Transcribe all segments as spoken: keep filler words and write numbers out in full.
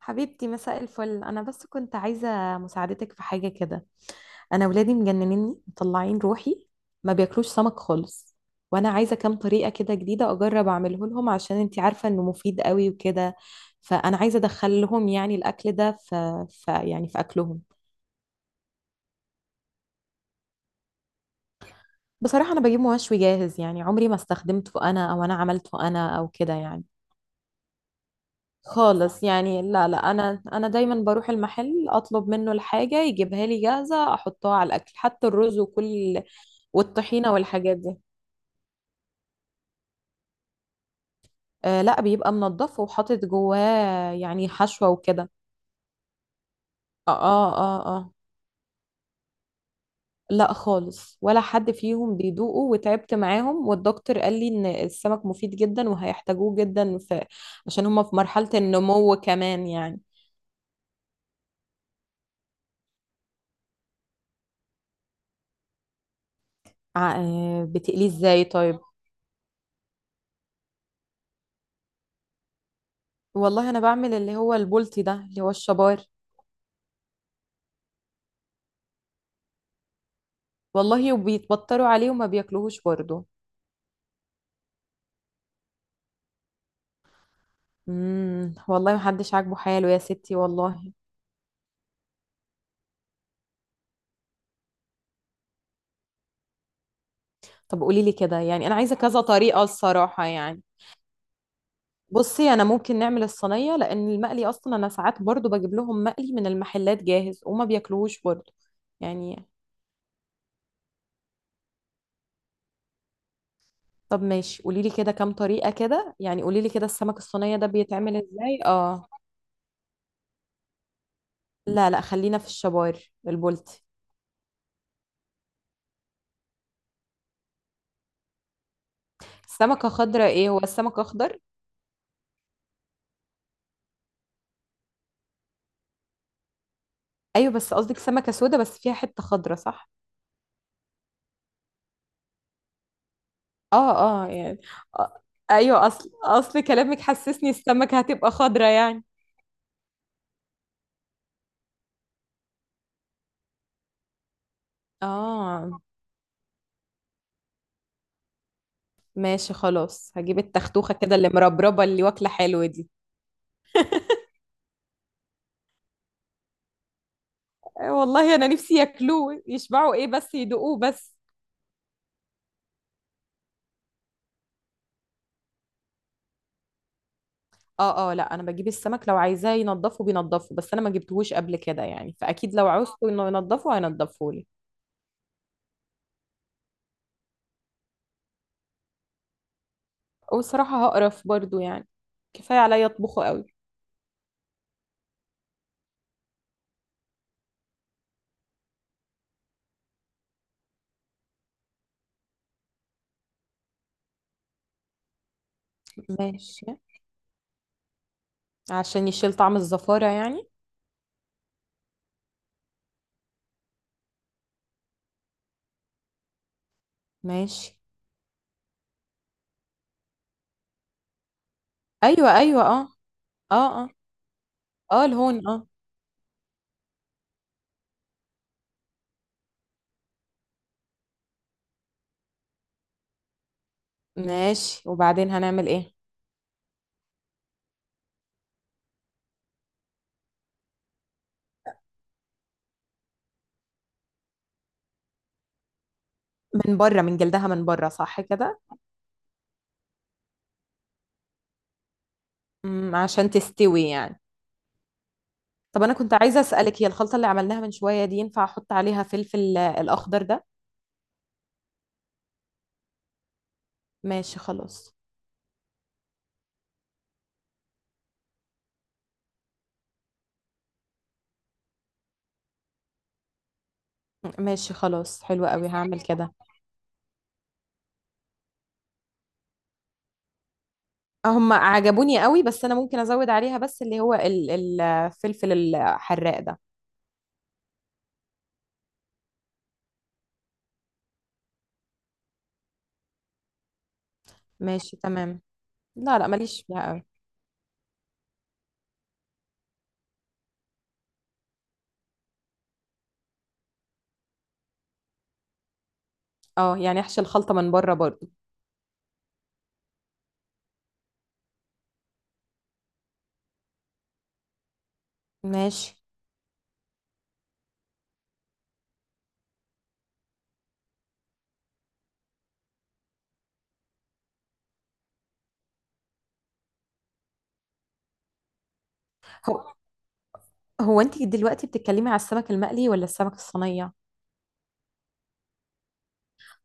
حبيبتي، مساء الفل. انا بس كنت عايزه مساعدتك في حاجه كده. انا ولادي مجننني مطلعين روحي، ما بياكلوش سمك خالص. وانا عايزه كام طريقه كده جديده اجرب اعمله لهم، عشان انتي عارفه انه مفيد قوي وكده. فانا عايزه ادخل لهم يعني الاكل ده في, في يعني في اكلهم. بصراحه انا بجيب مشوي جاهز، يعني عمري ما استخدمته انا او انا عملته انا او كده يعني. خالص يعني. لا، لا، انا انا دايما بروح المحل اطلب منه الحاجه يجيبها لي جاهزه احطها على الاكل حتى الرز وكل. والطحينه والحاجات دي. آه، لا، بيبقى منضف وحاطط جواه يعني حشوه وكده. اه، اه، اه، آه. لا خالص، ولا حد فيهم بيدوقه، وتعبت معاهم. والدكتور قال لي ان السمك مفيد جدا وهيحتاجوه جدا في، عشان هما في مرحله النمو كمان يعني. ع- آه، بتقليه ازاي طيب؟ والله انا بعمل اللي هو البولتي ده اللي هو الشبار. والله وبيتبطروا عليه وما بياكلوهوش برضه. امم والله محدش عاجبه حاله يا ستي والله. طب قولي لي كده، يعني انا عايزه كذا طريقه الصراحه يعني. بصي، انا ممكن نعمل الصينيه لان المقلي اصلا انا ساعات برضه بجيب لهم مقلي من المحلات جاهز وما بياكلوهوش برضه يعني. طب ماشي، قولي لي كده كام طريقه كده، يعني قولي لي كده السمك الصينيه ده بيتعمل ازاي؟ اه. لا، لا، خلينا في الشبار، البلطي. السمكه خضراء؟ ايه، هو السمك اخضر؟ ايوه، بس قصدك سمكه سودا بس فيها حته خضراء، صح؟ اه، اه، يعني. آه. ايوه، اصل اصل كلامك حسسني السمكة هتبقى خضرة يعني. اه ماشي، خلاص هجيب التختوخة كده اللي مربربة اللي واكلة حلوة دي. آه والله انا نفسي ياكلوه يشبعوا، ايه بس يدوقوه بس. اه، اه، لا انا بجيب السمك لو عايزاه ينضفه بينضفه، بس انا ما جبتهوش قبل كده، يعني فاكيد لو عوزته انه ينضفه هينضفه لي. وصراحة هقرف برضو يعني، كفاية عليا اطبخه قوي. ماشي. عشان يشيل طعم الزفارة يعني. ماشي. ايوه، ايوه، اه. اه، اه، اه، الهون، اه. ماشي، وبعدين هنعمل ايه؟ من بره، من جلدها، من بره، صح كده. امم عشان تستوي يعني. طب انا كنت عايزه اسالك، هي الخلطه اللي عملناها من شويه دي ينفع احط عليها فلفل، آه، الاخضر ده؟ ماشي خلاص. ماشي خلاص، حلو قوي، هعمل كده. آه، هم عجبوني قوي، بس انا ممكن ازود عليها بس اللي هو ال- ال- الفلفل الحراق ده. ماشي تمام. لا، لا، ماليش فيها قوي. اه يعني احشي الخلطه من بره برضو. ماشي. هو هو انت دلوقتي بتتكلمي على السمك المقلي ولا السمك الصينية؟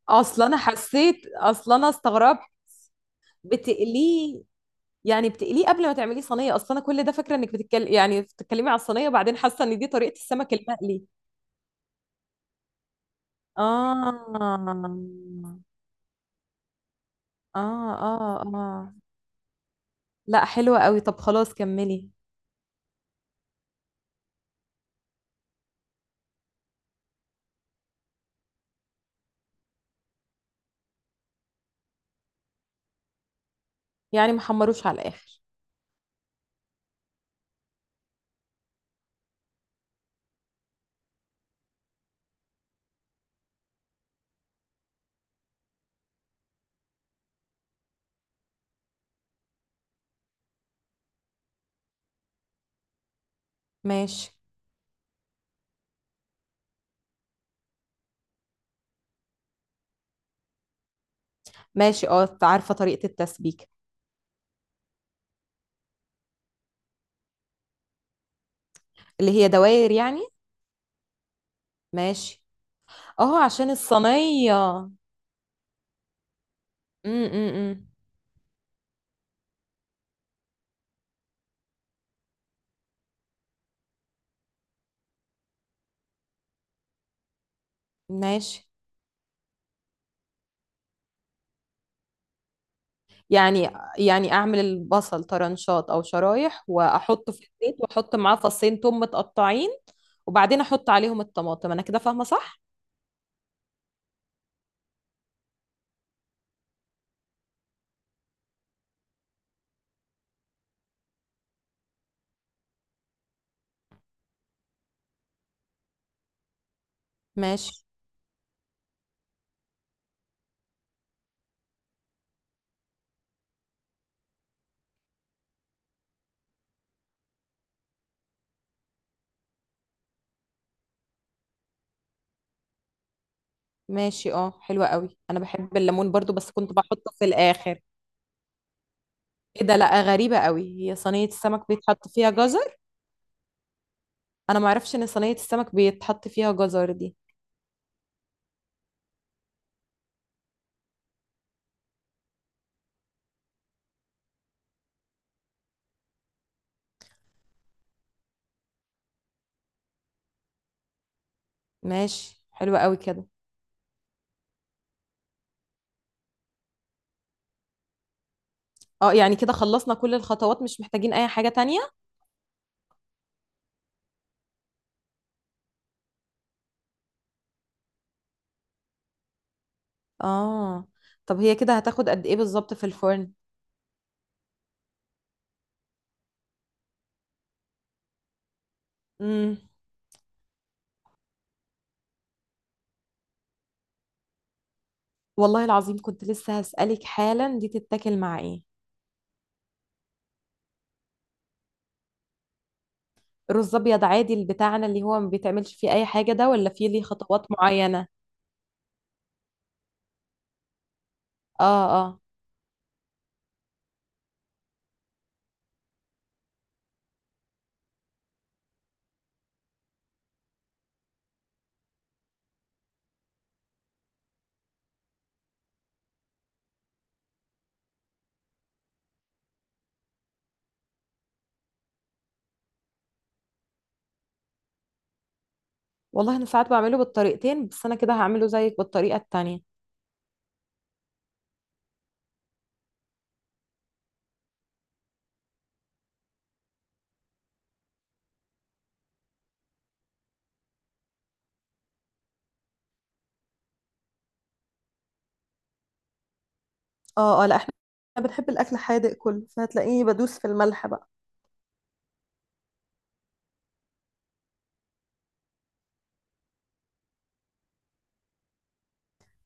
اصلا انا حسيت، اصلا انا استغربت. بتقليه؟ يعني بتقليه قبل ما تعمليه صينية؟ اصلا انا كل ده فاكرة انك بتتكلم يعني بتتكلمي على الصينية، وبعدين حاسة ان دي طريقة السمك المقلي. اه، اه، اه، اه. لا حلوة قوي، طب خلاص كملي. يعني محمروش على الاخر. ماشي. ماشي، اه عارفة طريقة التسبيك. اللي هي دوائر يعني. ماشي. اه عشان الصينية، امم. إمم، إمم. ماشي. يعني، يعني اعمل البصل طرنشات او شرايح واحطه في الزيت واحط معاه فصين توم متقطعين، وبعدين احط عليهم الطماطم، انا كده فاهمة صح؟ ماشي. ماشي، اه حلوة قوي، انا بحب الليمون برضو بس كنت بحطه في الاخر. ايه ده، لا غريبة قوي، هي صينية السمك بيتحط فيها جزر؟ انا ما اعرفش ان صينية السمك بيتحط فيها جزر دي. ماشي حلوة قوي كده. اه يعني كده خلصنا كل الخطوات، مش محتاجين اي حاجة تانية؟ اه، طب هي كده هتاخد قد ايه بالظبط في الفرن؟ امم والله العظيم كنت لسه هسألك حالا دي تتاكل مع ايه. رز ابيض عادي اللي بتاعنا اللي هو ما بيتعملش فيه اي حاجه ده، ولا فيه ليه خطوات معينه؟ اه، اه. والله انا ساعات بعمله بالطريقتين، بس انا كده هعمله زيك بالطريقه التانية. اه، اه، لا احنا بنحب الاكل حادق كله، فهتلاقيني بدوس في الملح بقى.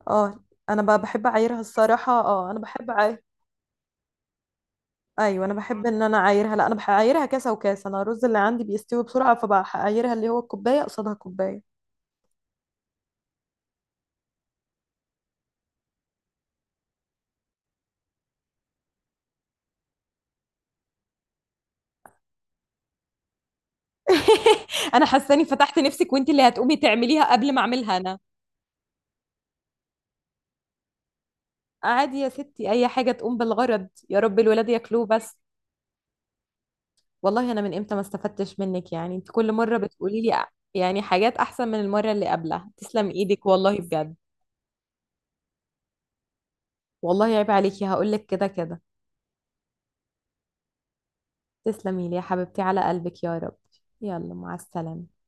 اه انا بقى بحب اعايرها الصراحه، اه انا بحب عاير. ايوه انا بحب ان انا اعايرها، لا انا بعايرها كاسه وكاسه، انا الرز اللي عندي بيستوي بسرعه فبعايرها اللي هو الكوبايه قصادها كوبايه. انا حاسه اني فتحت نفسك وانت اللي هتقومي تعمليها قبل ما اعملها انا. عادي يا ستي، اي حاجه تقوم بالغرض يا رب الولاد ياكلوه بس. والله انا من امتى ما استفدتش منك يعني، انت كل مره بتقولي لي أ- يعني حاجات احسن من المره اللي قبلها، تسلم ايدك والله بجد. والله عيب عليكي، هقول لك كده كده. تسلمي لي يا حبيبتي على قلبك يا رب. يلا مع السلامه.